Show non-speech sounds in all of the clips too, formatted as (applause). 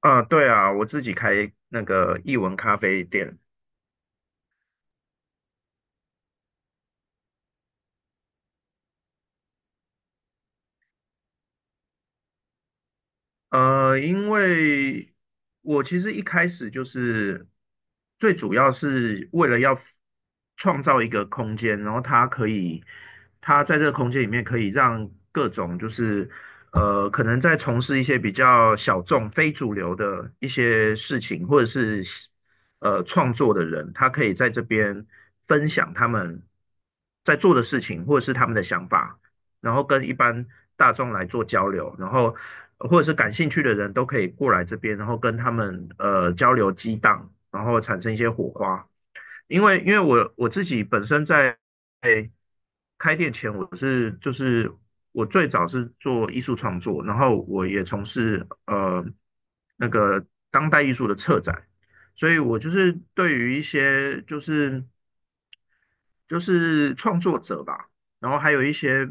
啊，对啊，我自己开那个译文咖啡店。因为我其实一开始就是最主要是为了要创造一个空间，然后他可以，他在这个空间里面可以让各种就是可能在从事一些比较小众、非主流的一些事情，或者是创作的人，他可以在这边分享他们在做的事情，或者是他们的想法。然后跟一般大众来做交流，然后或者是感兴趣的人都可以过来这边，然后跟他们交流激荡，然后产生一些火花。因为我自己本身在开店前，就是我最早是做艺术创作，然后我也从事那个当代艺术的策展，所以我就是对于一些就是创作者吧，然后还有一些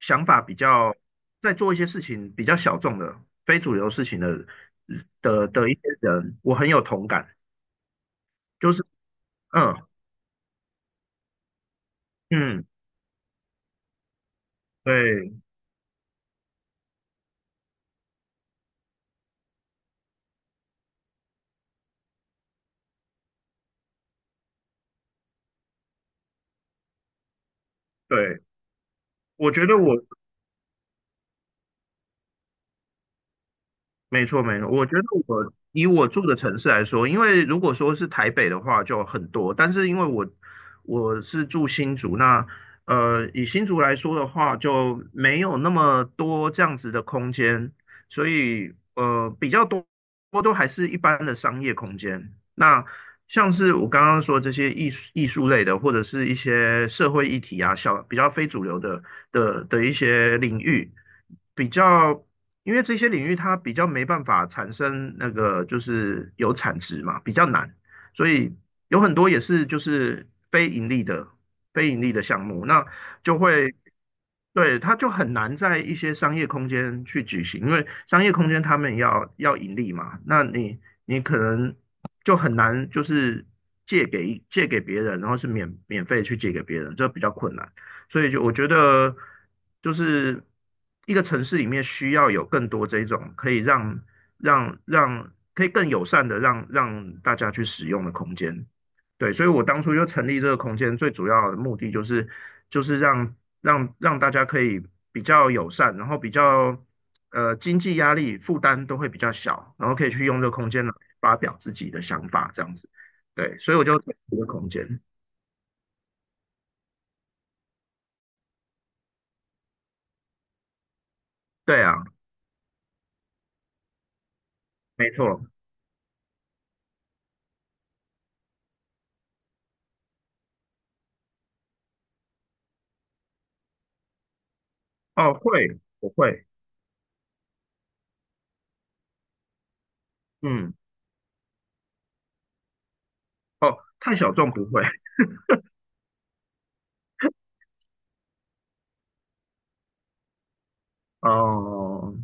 想法比较在做一些事情比较小众的、非主流事情的一些人，我很有同感。就是嗯嗯，对对，我觉得我没错，没错。我觉得我以我住的城市来说，因为如果说是台北的话就很多，但是因为我是住新竹，那以新竹来说的话，就没有那么多这样子的空间，所以比较多都还是一般的商业空间。那像是我刚刚说这些艺术类的，或者是一些社会议题啊，比较非主流的一些领域。比较因为这些领域它比较没办法产生那个就是有产值嘛，比较难，所以有很多也是就是非盈利的项目，那就会对它就很难在一些商业空间去举行，因为商业空间他们要盈利嘛，那你可能就很难就是借给别人，然后是免费去借给别人，这比较困难。所以就我觉得，就是一个城市里面需要有更多这种可以让可以更友善的让大家去使用的空间。对，所以我当初就成立这个空间，最主要的目的就是让大家可以比较友善，然后比较经济压力负担都会比较小，然后可以去用这个空间来发表自己的想法，这样子。对，所以我就成立这个空间。对啊，没错。哦，会，我会。嗯，哦，太小众不会，哦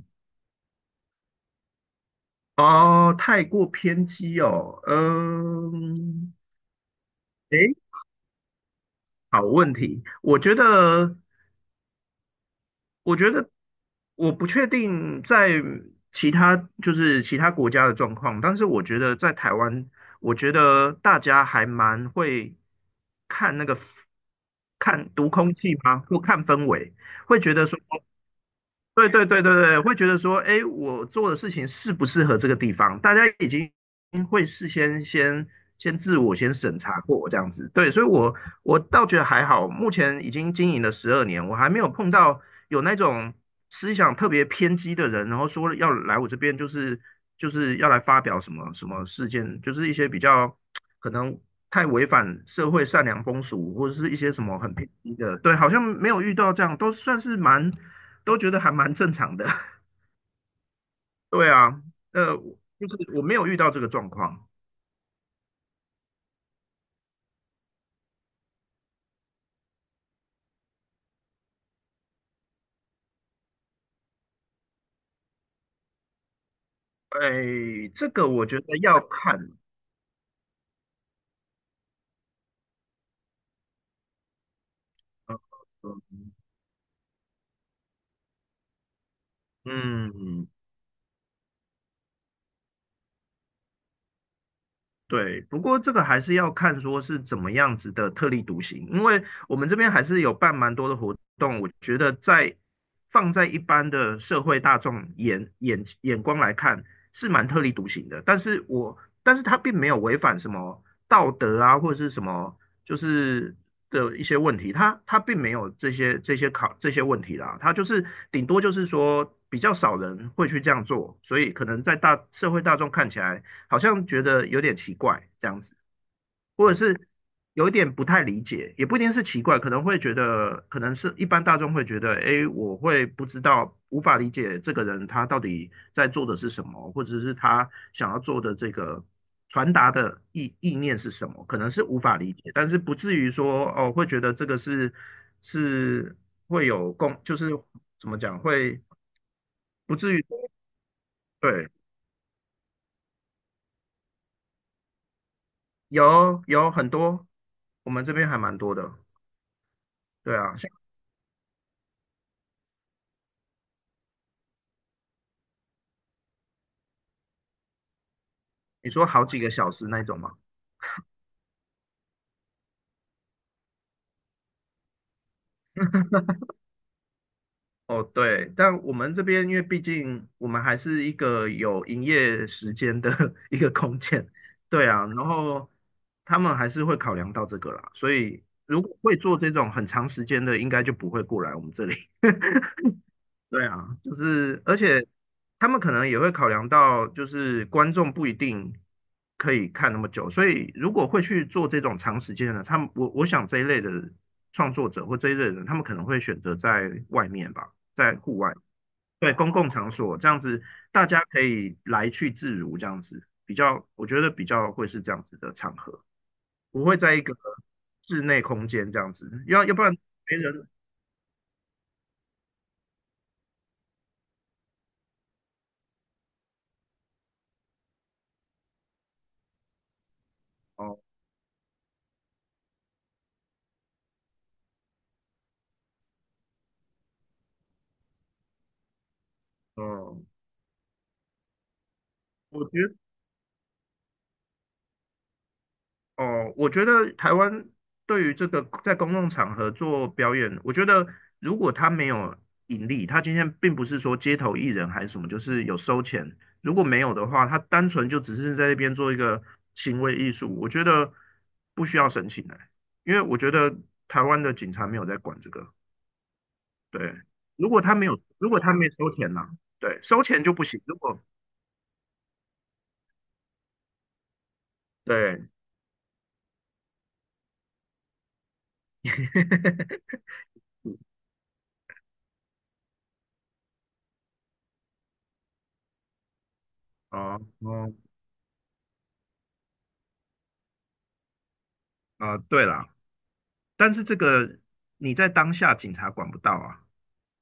哦，太过偏激哦，嗯，诶，好问题，我觉得，我觉得我不确定在其他国家的状况，但是我觉得在台湾，我觉得大家还蛮会看那个看读空气吗？或看氛围，会觉得说，对对对对对，会觉得说，哎，我做的事情适不适合这个地方？大家已经会事先自我先审查过这样子，对，所以我倒觉得还好，目前已经经营了12年，我还没有碰到有那种思想特别偏激的人，然后说要来我这边就是要来发表什么什么事件，就是一些比较可能太违反社会善良风俗，或者是一些什么很偏激的，对，好像没有遇到这样，都算是蛮。都觉得还蛮正常的。(laughs) 对啊，呃，就是我没有遇到这个状况。哎，这个我觉得要看，呃嗯。嗯，对，不过这个还是要看说是怎么样子的特立独行，因为我们这边还是有办蛮多的活动，我觉得在放在一般的社会大众眼光来看是蛮特立独行的，但是他并没有违反什么道德啊或者是什么就是的一些问题，他并没有这些问题啦，他就是顶多就是说比较少人会去这样做，所以可能在大社会大众看起来，好像觉得有点奇怪这样子，或者是有一点不太理解，也不一定是奇怪，可能会觉得，可能是一般大众会觉得，哎，我会不知道，无法理解这个人他到底在做的是什么，或者是他想要做的这个传达的意念是什么，可能是无法理解，但是不至于说哦，会觉得这个是会有共，就是怎么讲，会不至于，对，有很多，我们这边还蛮多的。对啊，像你说好几个小时那种嘛。哦，对，但我们这边因为毕竟我们还是一个有营业时间的 (laughs) 一个空间，对啊，然后他们还是会考量到这个啦，所以如果会做这种很长时间的，应该就不会过来我们这里。(laughs) 对啊，就是而且他们可能也会考量到，就是观众不一定可以看那么久，所以如果会去做这种长时间的，他们我我想这一类的创作者或这一类的人，他们可能会选择在外面吧，在户外，对，公共场所这样子，大家可以来去自如，这样子比较，我觉得比较会是这样子的场合，不会在一个室内空间这样子，要不然没人哦哦。我觉得。哦，我觉得台湾对于这个在公共场合做表演，我觉得如果他没有盈利，他今天并不是说街头艺人还是什么，就是有收钱。如果没有的话，他单纯就只是在那边做一个行为艺术，我觉得不需要申请的，因为我觉得台湾的警察没有在管这个。对，如果他没收钱呢、对，收钱就不行。对，(laughs) 哦哦啊，对啦。但是这个你在当下警察管不到啊，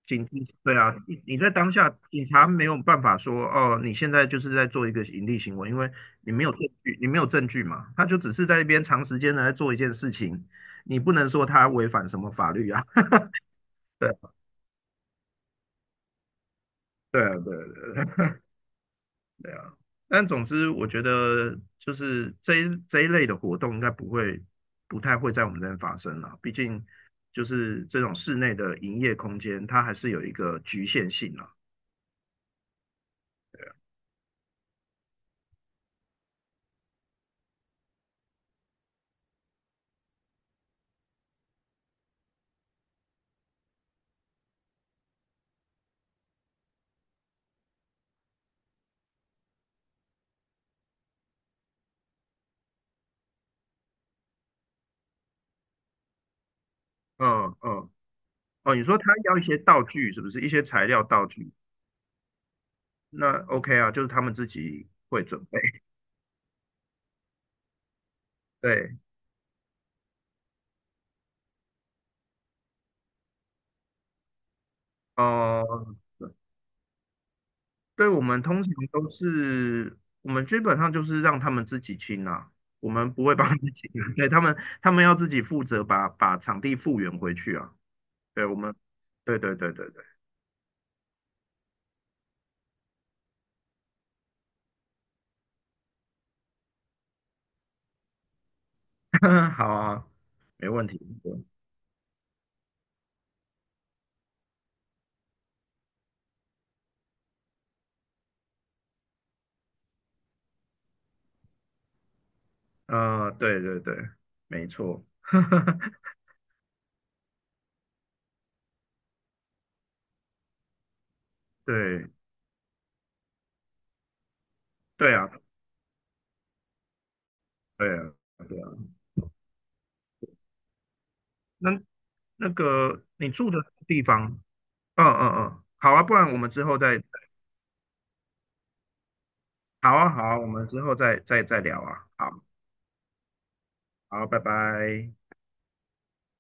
警对啊，你在当下警察没有办法说哦，你现在就是在做一个盈利行为，因为你没有证据嘛，他就只是在那边长时间的在做一件事情，你不能说他违反什么法律啊，(laughs) 对啊对啊对啊对啊对啊，但总之我觉得就是这一类的活动应该不太会在我们这边发生了，毕竟就是这种室内的营业空间，它还是有一个局限性啊。嗯嗯，哦，你说他要一些道具是不是？一些材料道具，那 OK 啊，就是他们自己会准备。对，哦、对，我们通常都是，我们基本上就是让他们自己清啊，我们不会帮他己们清啊，(laughs) 对，他们要自己负责把场地复原回去啊。对，我们，对对对对对，(laughs) 好啊，没问题。嗯，对对对，没错，(laughs) 对对啊，对啊，对啊。那那个你住的地方，嗯嗯嗯，好啊，不然我们之后再，好啊好啊，我们之后再聊啊，好，好，拜拜。